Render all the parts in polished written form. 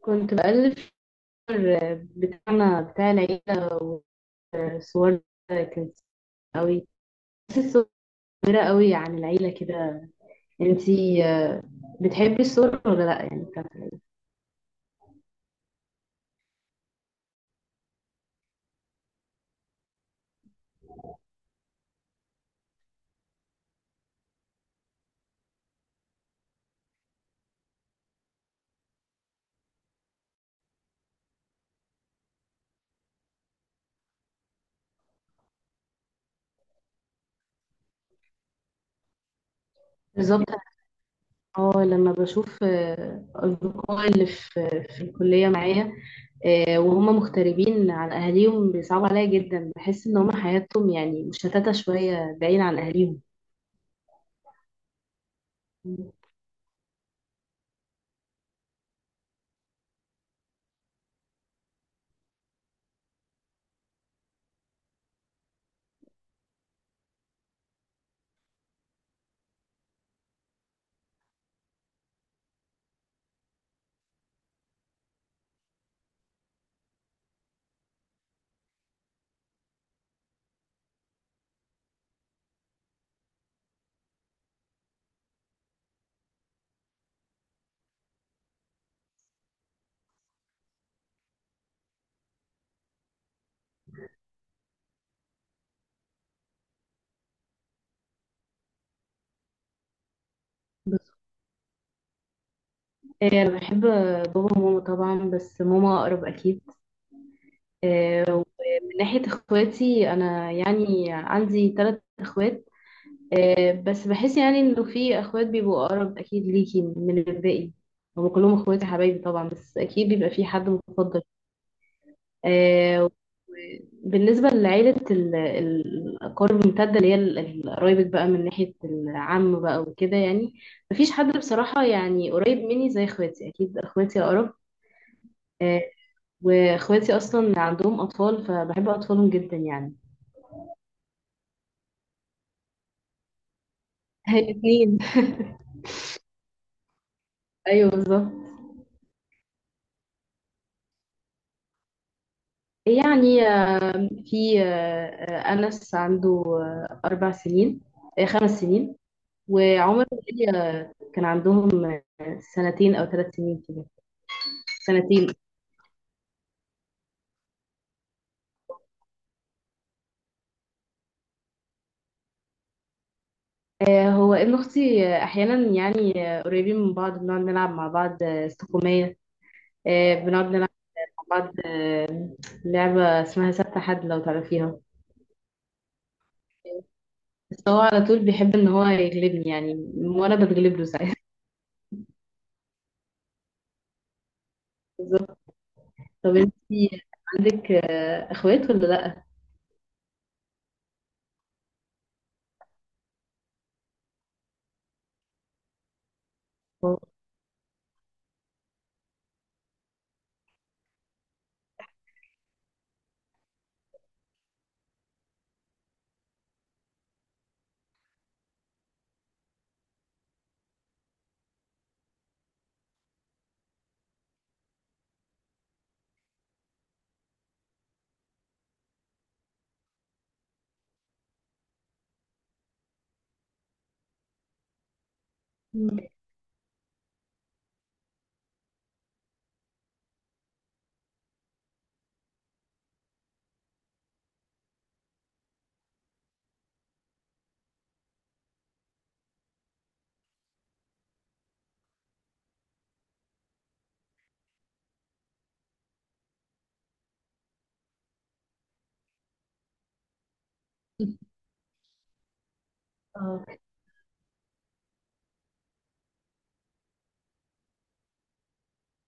كنت بقلب في بتاعنا بتاع العيلة وصور كانت قوي، بس الصور كبيرة قوي عن العيلة كده. انتي بتحبي الصور ولا لأ؟ يعني بتاعت العيلة. بالظبط. اه، لما بشوف أصدقائي اللي في الكلية معايا، وهم مغتربين عن أهاليهم بيصعب عليا جدا، بحس إن هم حياتهم يعني مشتتة شوية بعيد عن أهاليهم. بالظبط. أنا بحب بابا وماما طبعا، بس ماما أقرب أكيد. ومن ناحية اخواتي انا يعني عندي 3 اخوات. بس بحس يعني انه في اخوات بيبقوا اقرب اكيد ليكي من الباقي. هم كلهم اخواتي حبايبي طبعا، بس اكيد بيبقى في حد مفضل. آه، بالنسبة لعيلة الأقارب الممتدة اللي هي قرايبك بقى من ناحية العم بقى وكده، يعني مفيش حد بصراحة يعني قريب مني زي اخواتي، أكيد اخواتي أقرب. آه، واخواتي أصلا عندهم أطفال فبحب أطفالهم جدا يعني. هي اتنين. ايوه بالظبط. يعني في انس عنده 4 سنين، 5 سنين. وعمر وهي كان عندهم سنتين او 3 سنين كده. سنتين. هو ابن اختي، احيانا يعني قريبين من بعض، بنقعد نلعب مع بعض استقومية. بنقعد نلعب مع بعض آه، لعبة اسمها سبت حد، لو تعرفيها. بس هو على طول بيحب ان هو يغلبني يعني، وانا بتغلب له ساعات. طب انتي عندك اخوات ولا لا؟ آه. اه،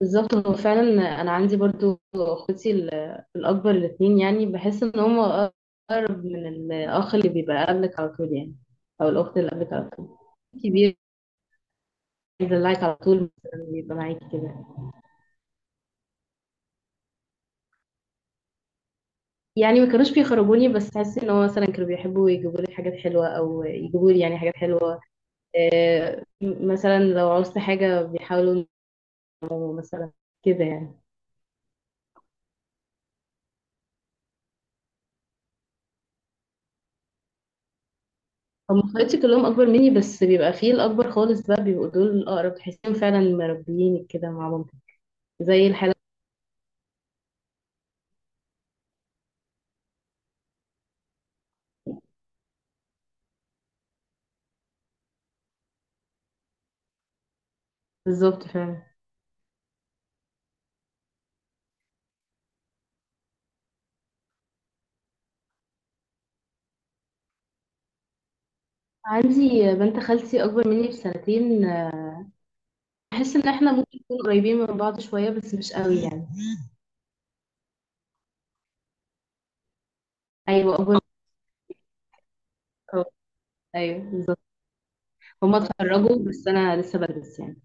بالظبط هو فعلا. انا عندي برضو اخوتي الاكبر الاثنين يعني، بحس ان هم اقرب من الاخ اللي بيبقى قبلك على طول يعني، او الاخت اللي قبلك على طول كبير، بيدلعك على طول مثلا، بيبقى معاكي كده. يعني ما كانوش بيخرجوني، بس حاسس ان هو مثلا كانوا بيحبوا يجيبوا لي حاجات حلوه، او يجيبوا لي يعني حاجات حلوه. مثلا لو عوزت حاجه بيحاولوا يجيبوا مثلا كده يعني. هم اخواتي كلهم اكبر مني، بس بيبقى فيه الاكبر خالص بقى بيبقوا دول الاقرب، تحسهم فعلا مربيين كده مع مامتي زي الحاله. بالظبط فعلا. عندي بنت خالتي اكبر مني بسنتين. بحس ان احنا ممكن نكون قريبين من بعض شويه، بس مش قوي يعني. ايوه اكبر مني. ايوه بالظبط. هما اتخرجوا بس انا لسه بدرس يعني.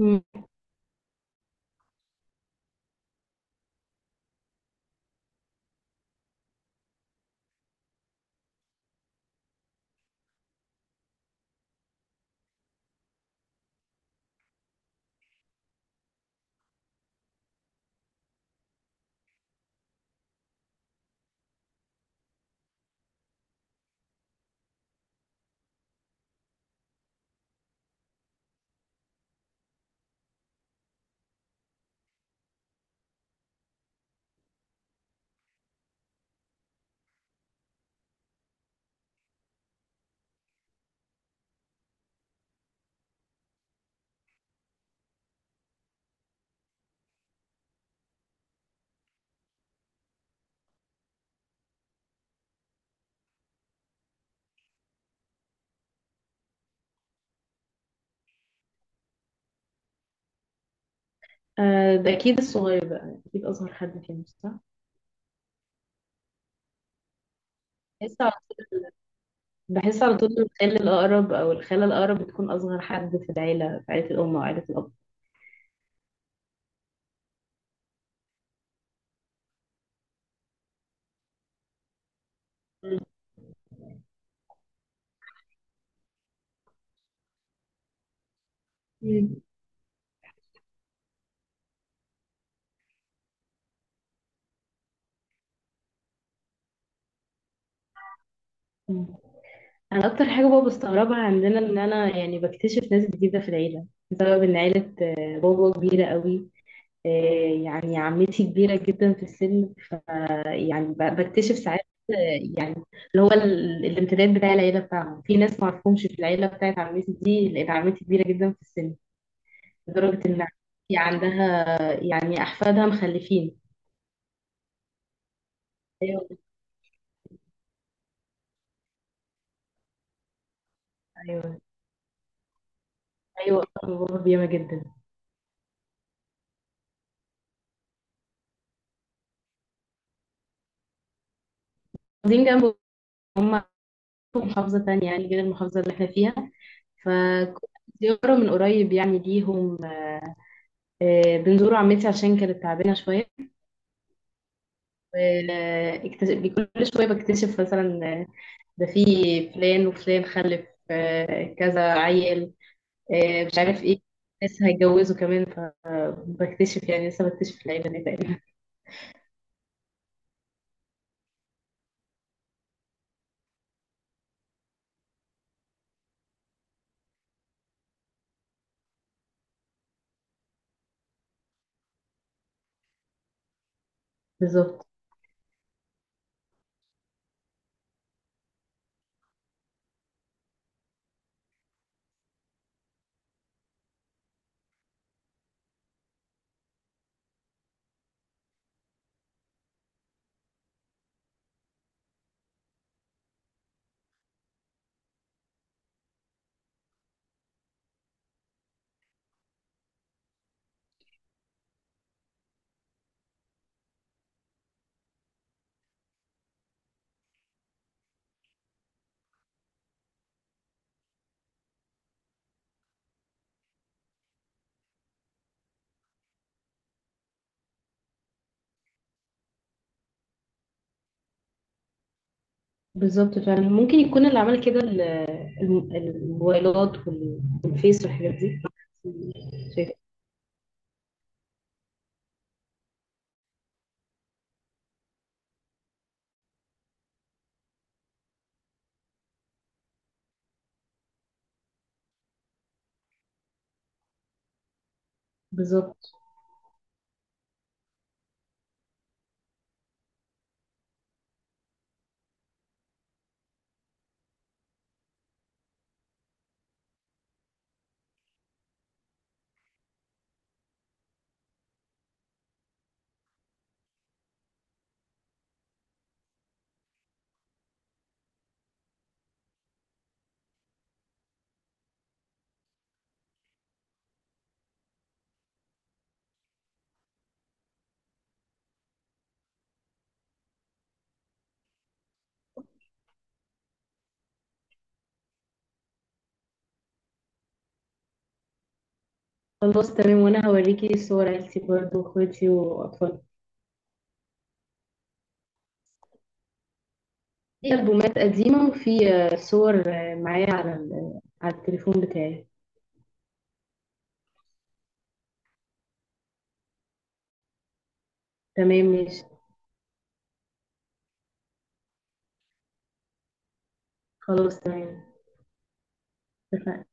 مم. آه، ده اكيد الصغير بقى، اكيد اصغر حد فيهم صح؟ بحس على طول بحس على طول الخال الاقرب او الخاله الاقرب بتكون اصغر حد في العيله، في عيله الام او عيله الاب. مم. مم. انا اكتر حاجه بقى بستغربها عندنا، ان انا يعني بكتشف ناس جديده في العيله بسبب ان عيله بابا كبيره قوي. آه، يعني عمتي كبيره جدا في السن، ف يعني بكتشف ساعات آه، يعني اللي هو الامتداد بتاع العيله بتاعهم، في ناس ما اعرفهمش في العيله بتاعت عمتي دي لان عمتي كبيره جدا في السن، لدرجه ان عمتي عندها يعني احفادها مخلفين. ايوه، ايوه، ايوه، بابا بياما جدا. واخدين جنب، هم في محافظه تانية يعني غير المحافظه اللي احنا فيها، فكنت زيارة من قريب يعني ليهم. بنزور عمتي عشان كانت تعبانة شوية. واكتشف كل شوية، بكتشف مثلا ده في فلان وفلان خلف كذا عيل مش عارف ايه، لسه هيتجوزوا كمان، فبكتشف يعني لسه بكتشف العيلة دي تقريبا. بالظبط. بالظبط فعلا، ممكن يكون اللي عمل كده الموبايلات والفيس والحاجات دي. شايفة. بالظبط. خلاص تمام، وانا هوريكي صور عيلتي برضو واخواتي واطفالي. في البومات قديمه، وفي صور معايا على على التليفون بتاعي. تمام ماشي. خلاص تمام. اتفقنا.